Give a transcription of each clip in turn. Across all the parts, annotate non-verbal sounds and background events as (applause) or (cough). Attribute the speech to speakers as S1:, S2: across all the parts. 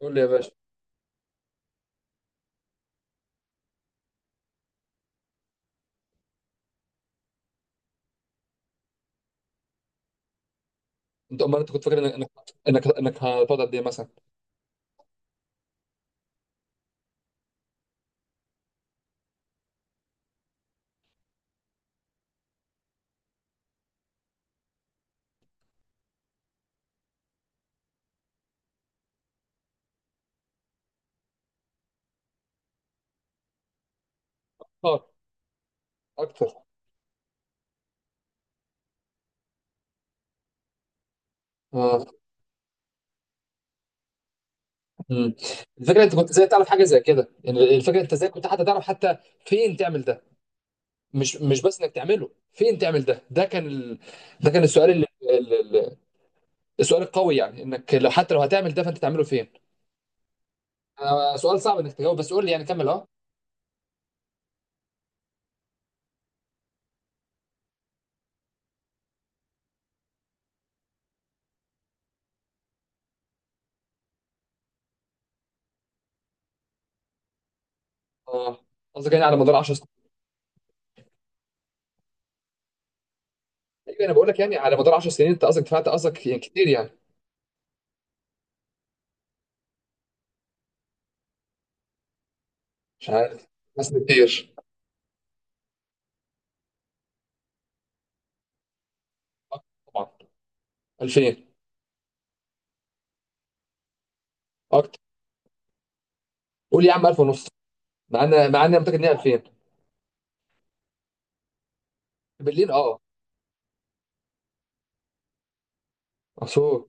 S1: قول لي يا باشا. انت امال كنت فاكر انك انك انك إنك هتقعد قد ايه مثلا؟ اه. اكتر. اه. امم. الفكره، انت كنت ازاي تعرف حاجه زي كده؟ يعني الفكره، انت ازاي كنت حتى تعرف حتى فين تعمل ده؟ مش بس انك تعمله، فين تعمل ده؟ ده كان ده كان السؤال اللي... ال- ال- السؤال القوي، يعني انك لو حتى لو هتعمل ده فانت تعمله فين؟ سؤال صعب انك تجاوب، بس قول لي يعني كمل. اه. اه، قصدك يعني على مدار 10 سنين؟ ايوه، انا بقول لك يعني على مدار 10 سنين، انت قصدك دفعت، قصدك يعني كتير يعني. مش عارف. حاسس إن كتير. آه، طبعا. 2000. اكتر. قول يا عم 1000 ونص، مع ان انا متاكد ان هي 2000 بالليل. اه. عصور.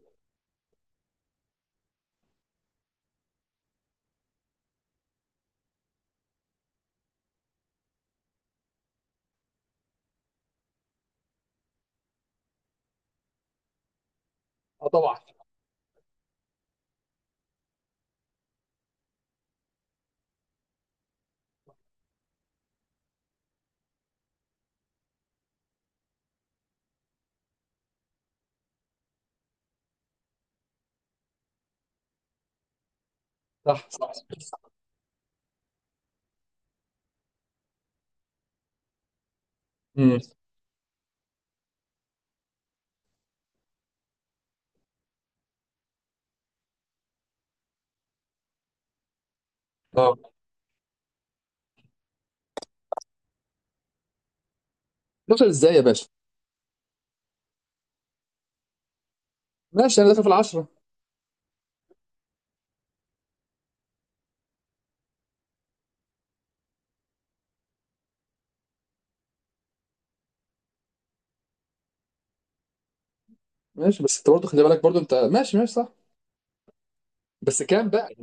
S1: اه طبعا. صح صح. امم اه، 12 ازاي يا باشا؟ ماشي، انا داخل في العشرة. ماشي، بس انت برضه خلي بالك برضه. انت ماشي ماشي صح. بس كام بقى؟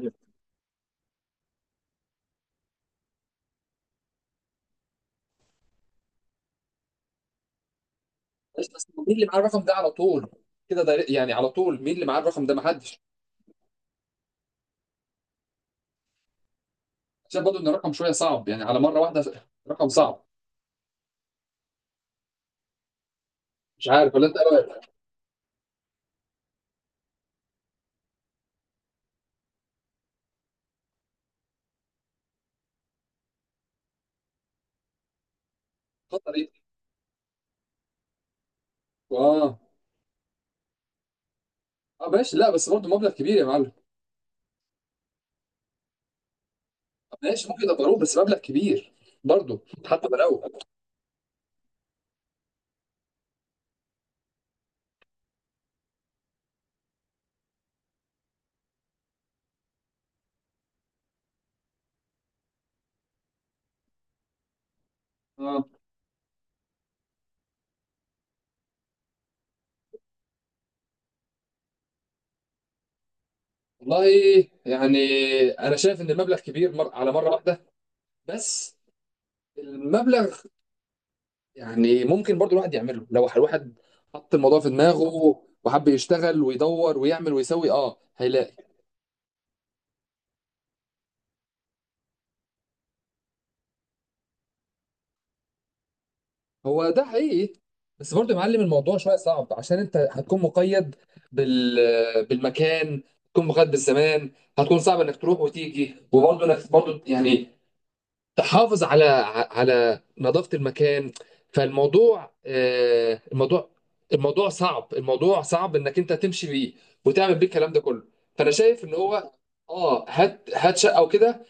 S1: ماشي، بس مين اللي معاه الرقم ده على طول كده؟ ده يعني على طول مين اللي معاه الرقم ده؟ محدش. عشان برضه ان الرقم شويه صعب يعني على مره واحده، رقم صعب. مش عارف، ولا انت إيه رايك؟ خطر ايه؟ اه اه ماشي، لا بس برضه مبلغ كبير يا معلم. ماشي، ممكن ابقى اروح، بس مبلغ كبير برضه. حتى بلاوي. والله يعني انا شايف ان المبلغ كبير على مره واحده. بس المبلغ يعني ممكن برضو الواحد يعمله. لو الواحد حط الموضوع في دماغه وحب يشتغل ويدور ويعمل ويسوي هيلاقي. هو ده حقيقي، بس برضو يا معلم الموضوع شويه صعب، عشان انت هتكون مقيد بالمكان، هتكون مقيد بالزمان. هتكون صعب انك تروح وتيجي، وبرضه انك برضه يعني تحافظ على نظافة المكان. فالموضوع آه، الموضوع صعب، الموضوع صعب انك انت تمشي بيه، وتعمل بيه الكلام ده كله. فانا شايف ان هو اه هات هات شقه وكده،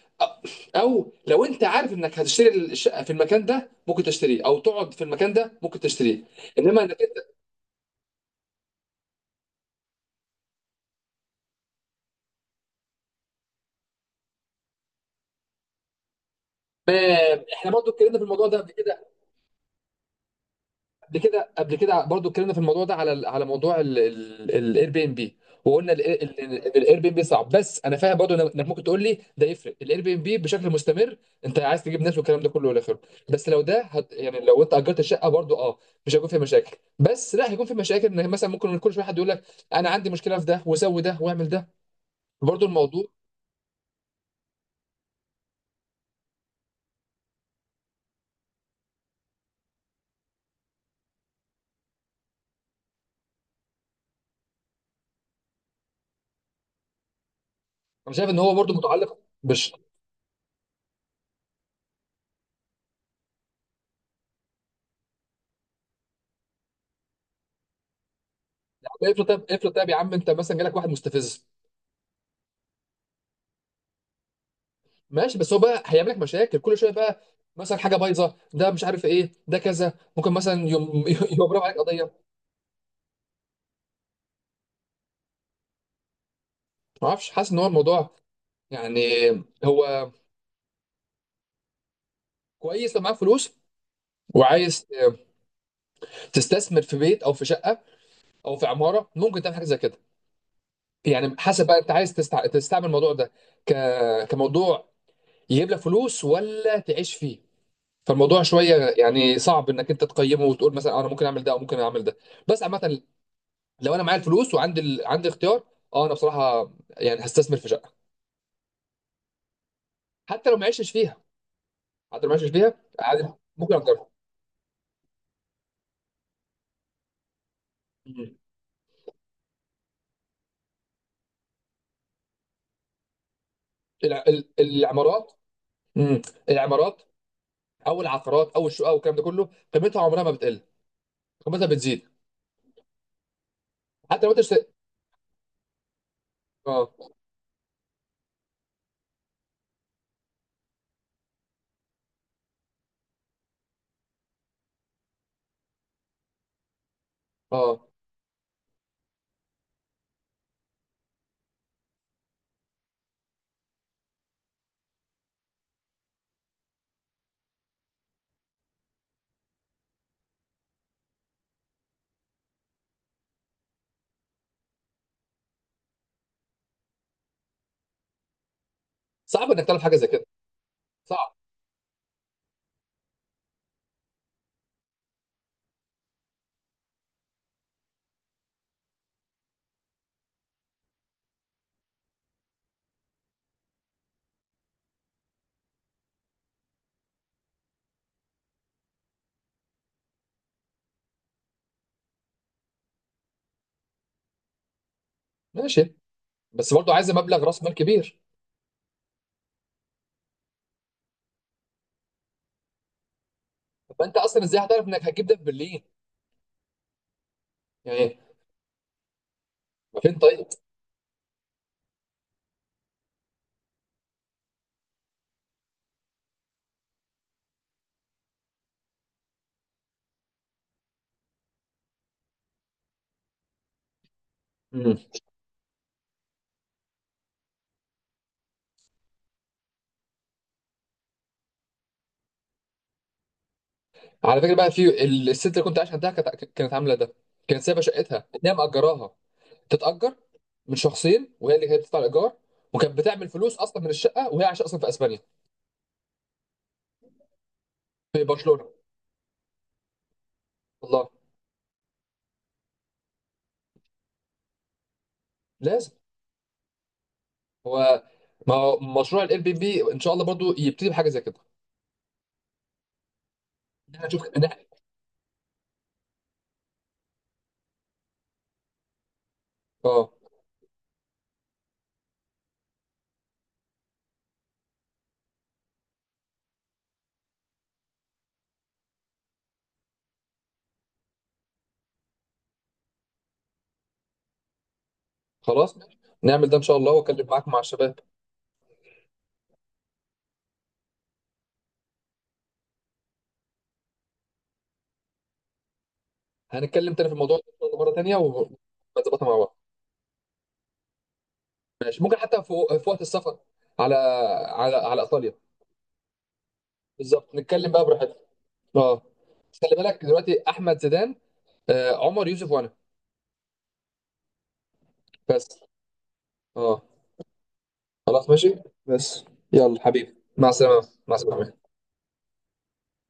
S1: او لو انت عارف انك هتشتري الشقه في المكان ده، ممكن تشتريه. او تقعد في المكان ده، ممكن تشتريه. انما انك انت، ما احنا برضو اتكلمنا في الموضوع ده قبل كده. قبل كده قبل كده برضو اتكلمنا في الموضوع ده على على موضوع الاير بي ام بي، وقلنا ان الاير بي ام بي صعب، بس انا فاهم برضو انك ممكن تقول لي ده يفرق الاير بي ام بي بشكل مستمر، انت عايز تجيب ناس والكلام ده كله والى اخره. بس لو يعني لو انت اجرت الشقه برضو مش هيكون فيها مشاكل، بس لا هيكون في مشاكل ان مثلا ممكن كل شويه حد يقول لك انا عندي مشكله في ده، وسوي ده، واعمل ده. برضو الموضوع انا شايف ان هو برضو متعلق مش، يعني افرض طيب، افرض طيب يا عم، انت مثلا جالك واحد مستفز. ماشي، بس هو بقى هيعمل لك مشاكل كل شويه بقى. مثلا حاجه بايظه، ده مش عارف ايه، ده كذا. ممكن مثلا يوم (laughs) يبرم عليك قضيه. ما اعرفش، حاسس ان هو الموضوع يعني، هو كويس لو معاك فلوس وعايز تستثمر في بيت او في شقه او في عماره، ممكن تعمل حاجه زي كده. يعني حسب بقى انت عايز تستعمل الموضوع ده ك... كموضوع يجيب لك فلوس ولا تعيش فيه. فالموضوع شويه يعني صعب انك انت تقيمه وتقول مثلا انا ممكن اعمل ده او ممكن اعمل ده. بس عامه، لو انا معايا الفلوس وعندي عندي اختيار، اه انا بصراحه يعني هستثمر في شقه. حتى لو ما عشتش فيها، حتى لو ما عشتش فيها عادي، ممكن اجرها. مم. العمارات. مم. العمارات او العقارات او الشقق والكلام ده كله، قيمتها عمرها ما بتقل، قيمتها بتزيد. حتى لو انت اه اه صعب انك تعرف حاجه زي كده. صعب. ماشي، بس برضه عايز مبلغ راس مال كبير. فانت اصلا ازاي هتعرف انك هتجيب ده في برلين؟ يعني ما فين طيب؟ على فكره بقى، في الست اللي كنت عايش عندها، كانت عامله ده. كانت سايبه شقتها اللي هي مأجراها تتأجر من شخصين، وهي اللي كانت بتدفع الايجار، وكانت بتعمل فلوس اصلا من الشقه وهي عايشه اصلا في اسبانيا، في برشلونه. والله لازم. هو ما هو مشروع الاير بي بي ان شاء الله برضو يبتدي بحاجه زي كده. إن احنا نشوف إن إحنا-. اه خلاص ماشي، نعمل ده ان شاء الله واتكلم معاك مع الشباب. هنتكلم تاني في الموضوع ده إن شاء الله مره تانيه، ونظبطها مع بعض. ماشي، ممكن حتى في وقت السفر، على على ايطاليا. بالظبط، نتكلم بقى براحتنا. اه. بس خلي بالك دلوقتي، احمد زيدان، عمر يوسف، وانا. بس اه خلاص ماشي. بس. يلا حبيبي، مع السلامه مع السلامه.